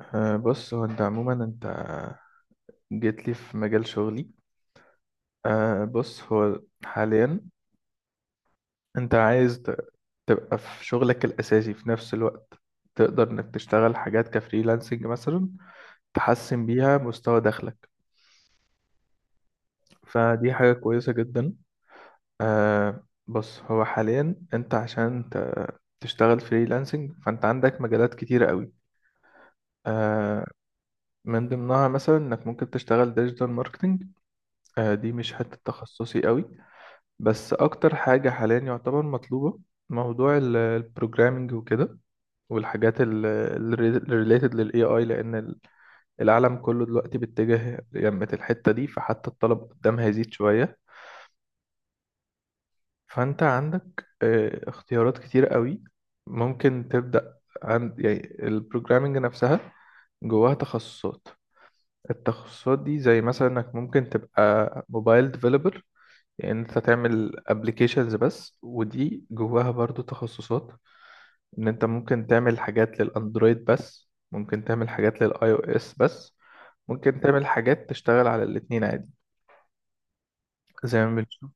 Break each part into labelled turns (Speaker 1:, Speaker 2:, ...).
Speaker 1: بص، هو انت عموما انت جيت لي في مجال شغلي. بص، هو حاليا انت عايز تبقى في شغلك الاساسي في نفس الوقت تقدر انك تشتغل حاجات كفريلانسنج مثلا تحسن بيها مستوى دخلك، فدي حاجة كويسة جدا. بص، هو حاليا انت عشان تشتغل فريلانسنج فانت عندك مجالات كتيرة قوي. أه من ضمنها مثلا انك ممكن تشتغل ديجيتال ماركتنج. دي مش حتة تخصصي قوي، بس اكتر حاجة حاليا يعتبر مطلوبة موضوع البروجرامينج وكده، والحاجات الريليتد للاي اي لان العالم كله دلوقتي بيتجه يمت الحتة دي، فحتى الطلب قدامها هيزيد شوية. فانت عندك اختيارات كتير قوي. ممكن تبدأ عند يعني البروجرامينج نفسها جواها تخصصات. التخصصات دي زي مثلا انك ممكن تبقى موبايل ديفلوبر، يعني انت تعمل ابلكيشنز بس، ودي جواها برضو تخصصات. ان انت ممكن تعمل حاجات للاندرويد بس، ممكن تعمل حاجات للاي او اس بس، ممكن تعمل حاجات تشتغل على الاتنين عادي زي ما بنشوف.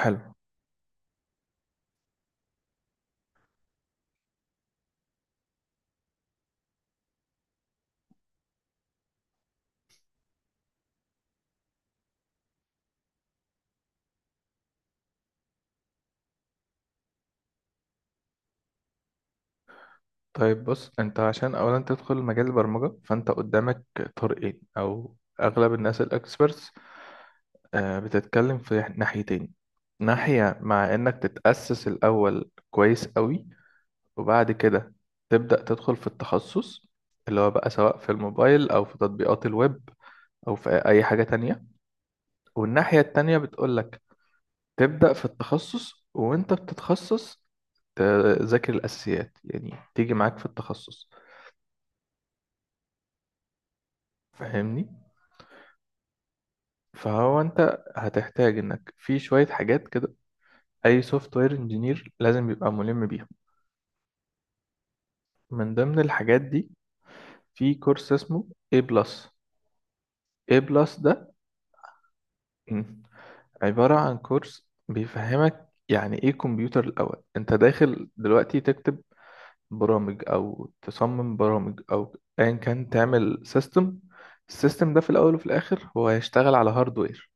Speaker 1: حلو. طيب بص، انت عشان اولا تدخل مجال البرمجة فانت قدامك طريقين، او اغلب الناس الاكسبرتس بتتكلم في ناحيتين. ناحية مع انك تتأسس الاول كويس قوي وبعد كده تبدأ تدخل في التخصص، اللي هو بقى سواء في الموبايل أو في تطبيقات الويب أو في أي حاجة تانية. والناحية التانية بتقولك تبدأ في التخصص، وأنت بتتخصص تذاكر الأساسيات يعني تيجي معاك في التخصص. فاهمني؟ فهو أنت هتحتاج إنك في شوية حاجات كده أي سوفت وير انجينير لازم يبقى ملم بيها. من ضمن الحاجات دي في كورس اسمه A+. بلس. A+, بلس. ده عبارة عن كورس بيفهمك يعني ايه كمبيوتر. الأول انت داخل دلوقتي تكتب برامج او تصمم برامج او ايا كان تعمل سيستم. السيستم ده في الأول وفي الآخر هو هيشتغل على هاردوير،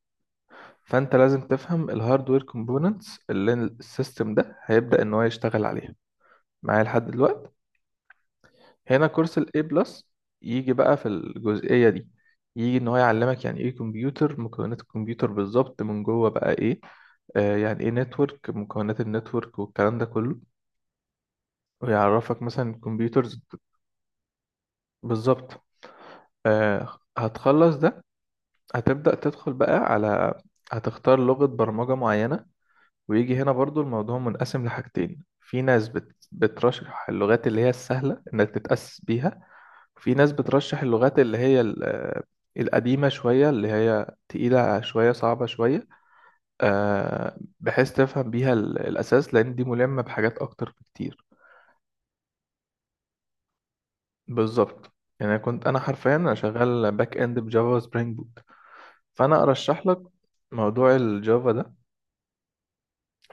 Speaker 1: فانت لازم تفهم الهاردوير كومبوننتس اللي السيستم ده هيبدأ ان هو يشتغل عليها. معايا لحد دلوقتي؟ هنا كورس ال A بلس يجي بقى في الجزئية دي، يجي ان هو يعلمك يعني ايه كمبيوتر، مكونات الكمبيوتر بالظبط من جوه بقى ايه. يعني ايه نتورك، مكونات النتورك والكلام ده كله. ويعرفك مثلا الكمبيوترز بالظبط. هتخلص ده هتبدأ تدخل بقى على هتختار لغة برمجة معينة. ويجي هنا برضو الموضوع منقسم لحاجتين، في ناس بترشح اللغات اللي هي السهلة انك تتأسس بيها، وفي ناس بترشح اللغات اللي هي القديمة شوية اللي هي تقيلة شوية صعبة شوية، بحيث تفهم بيها الأساس لأن دي ملمة بحاجات أكتر بكتير. بالظبط. يعني أنا كنت حرفيا انا شغال باك اند بجافا سبرينج بوت. فانا ارشح لك موضوع الجافا ده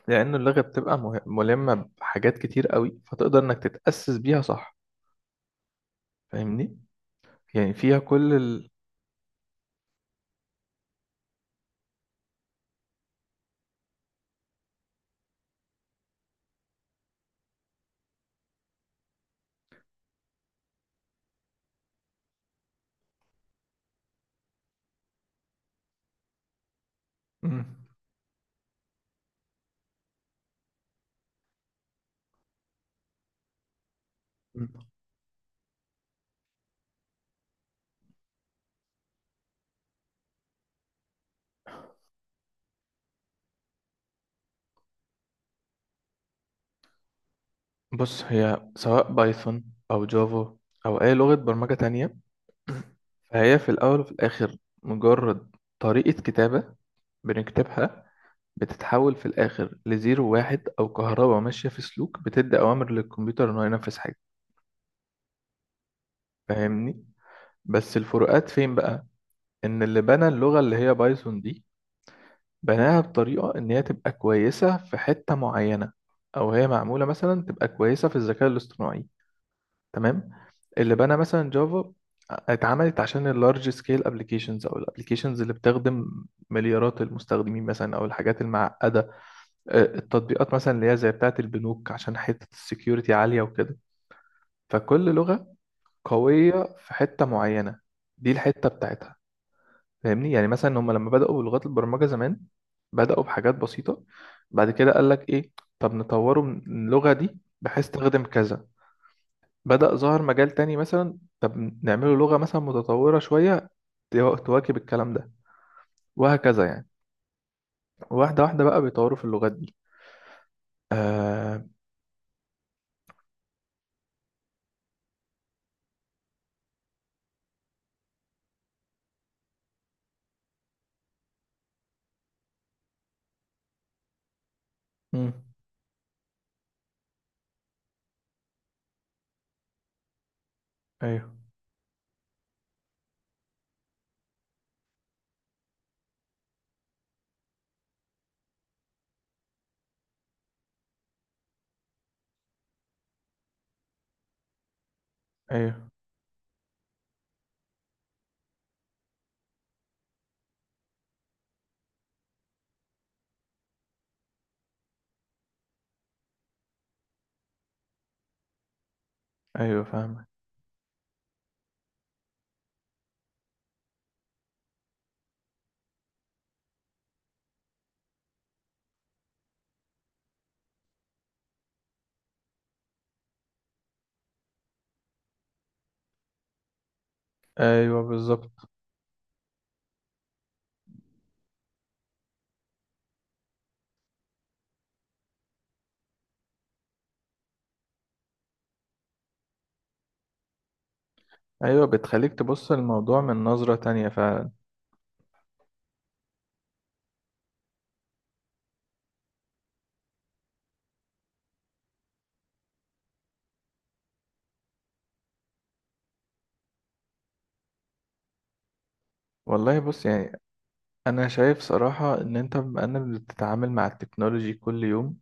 Speaker 1: لانه اللغه بتبقى ملمه بحاجات كتير قوي فتقدر انك تتاسس بيها صح. فاهمني؟ يعني فيها كل ال... مم. مم. بص، هي سواء بايثون او جافا او اي لغه برمجه تانية، فهي في الاول وفي الاخر مجرد طريقه كتابه بنكتبها، بتتحول في الآخر لزيرو واحد أو كهرباء ماشية في سلوك بتدي أوامر للكمبيوتر إنه ينفذ حاجة. فاهمني؟ بس الفروقات فين بقى؟ إن اللي بنى اللغة اللي هي بايثون دي بناها بطريقة إن هي تبقى كويسة في حتة معينة، أو هي معمولة مثلا تبقى كويسة في الذكاء الاصطناعي. تمام؟ اللي بنى مثلا جافا اتعملت عشان اللارج سكيل ابلكيشنز او الابلكيشنز اللي بتخدم مليارات المستخدمين مثلا او الحاجات المعقده، التطبيقات مثلا اللي هي زي بتاعة البنوك عشان حتة السكيورتي عالية وكده. فكل لغة قوية في حتة معينة، دي الحتة بتاعتها. فاهمني؟ يعني مثلا هم لما بدأوا بلغات البرمجة زمان بدأوا بحاجات بسيطة، بعد كده قال لك ايه، طب نطوره من اللغة دي بحيث تخدم كذا. بدأ ظهر مجال تاني مثلا، طب نعمله لغة مثلا متطورة شوية تواكب الكلام ده، وهكذا يعني. واحدة واحدة بقى بيطوروا في اللغات دي. آه... مم. ايوه ايوه ايوه فاهم. ايوه بالظبط. ايوه بتخليك تبص الموضوع من نظرة تانية فعلا. والله بص يعني انا شايف صراحة ان انت بما انك بتتعامل مع التكنولوجي كل يوم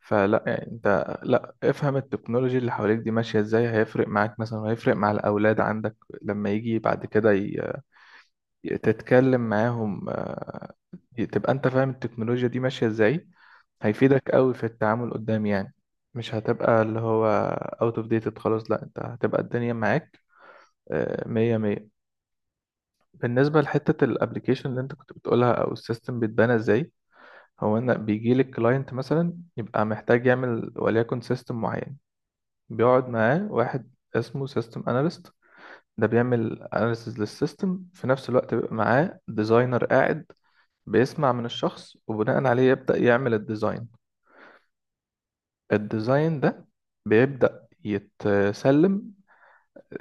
Speaker 1: فلا يعني انت لا افهم التكنولوجي اللي حواليك دي ماشية ازاي هيفرق معاك مثلا وهيفرق مع الاولاد عندك لما يجي بعد كده تتكلم معاهم، تبقى انت فاهم التكنولوجيا دي ماشية ازاي هيفيدك قوي في التعامل قدام يعني. مش هتبقى اللي هو out of dated خلاص، لا انت هتبقى الدنيا معاك مية مية. بالنسبة لحتة الابليكيشن اللي انت كنت بتقولها او السيستم بيتبنى ازاي، هو ان بيجي لك كلاينت مثلا يبقى محتاج يعمل وليكن سيستم معين، بيقعد معاه واحد اسمه سيستم اناليست. ده بيعمل اناليسز للسيستم، في نفس الوقت بيبقى معاه ديزاينر قاعد بيسمع من الشخص وبناء عليه يبدأ يعمل الديزاين. الديزاين ده بيبدأ يتسلم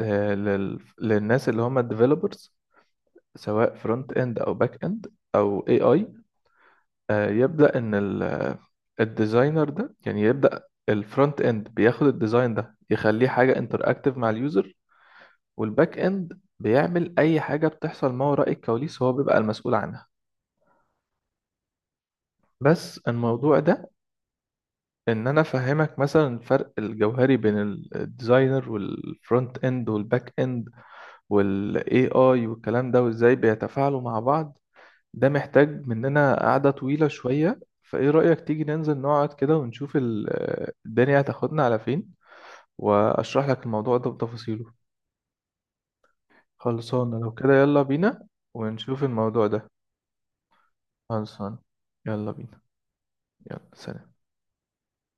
Speaker 1: للناس اللي هم الديفلوبرز، سواء فرونت اند او باك اند او اي اي. يبدأ إن الديزاينر ده يعني يبدأ. الفرونت إند بياخد الديزاين ده يخليه حاجة انتراكتيف مع اليوزر، والباك إند بيعمل أي حاجة بتحصل ما وراء الكواليس هو بيبقى المسؤول عنها. بس الموضوع ده إن أنا أفهمك مثلا الفرق الجوهري بين الديزاينر والفرونت إند والباك إند وال AI والكلام ده وإزاي بيتفاعلوا مع بعض ده محتاج مننا قعدة طويلة شوية. فإيه رأيك تيجي ننزل نقعد كده ونشوف الدنيا هتاخدنا على فين وأشرح لك الموضوع ده بتفاصيله؟ خلصانة لو كده يلا بينا ونشوف الموضوع ده. خلصانة؟ يلا بينا. يلا سلام.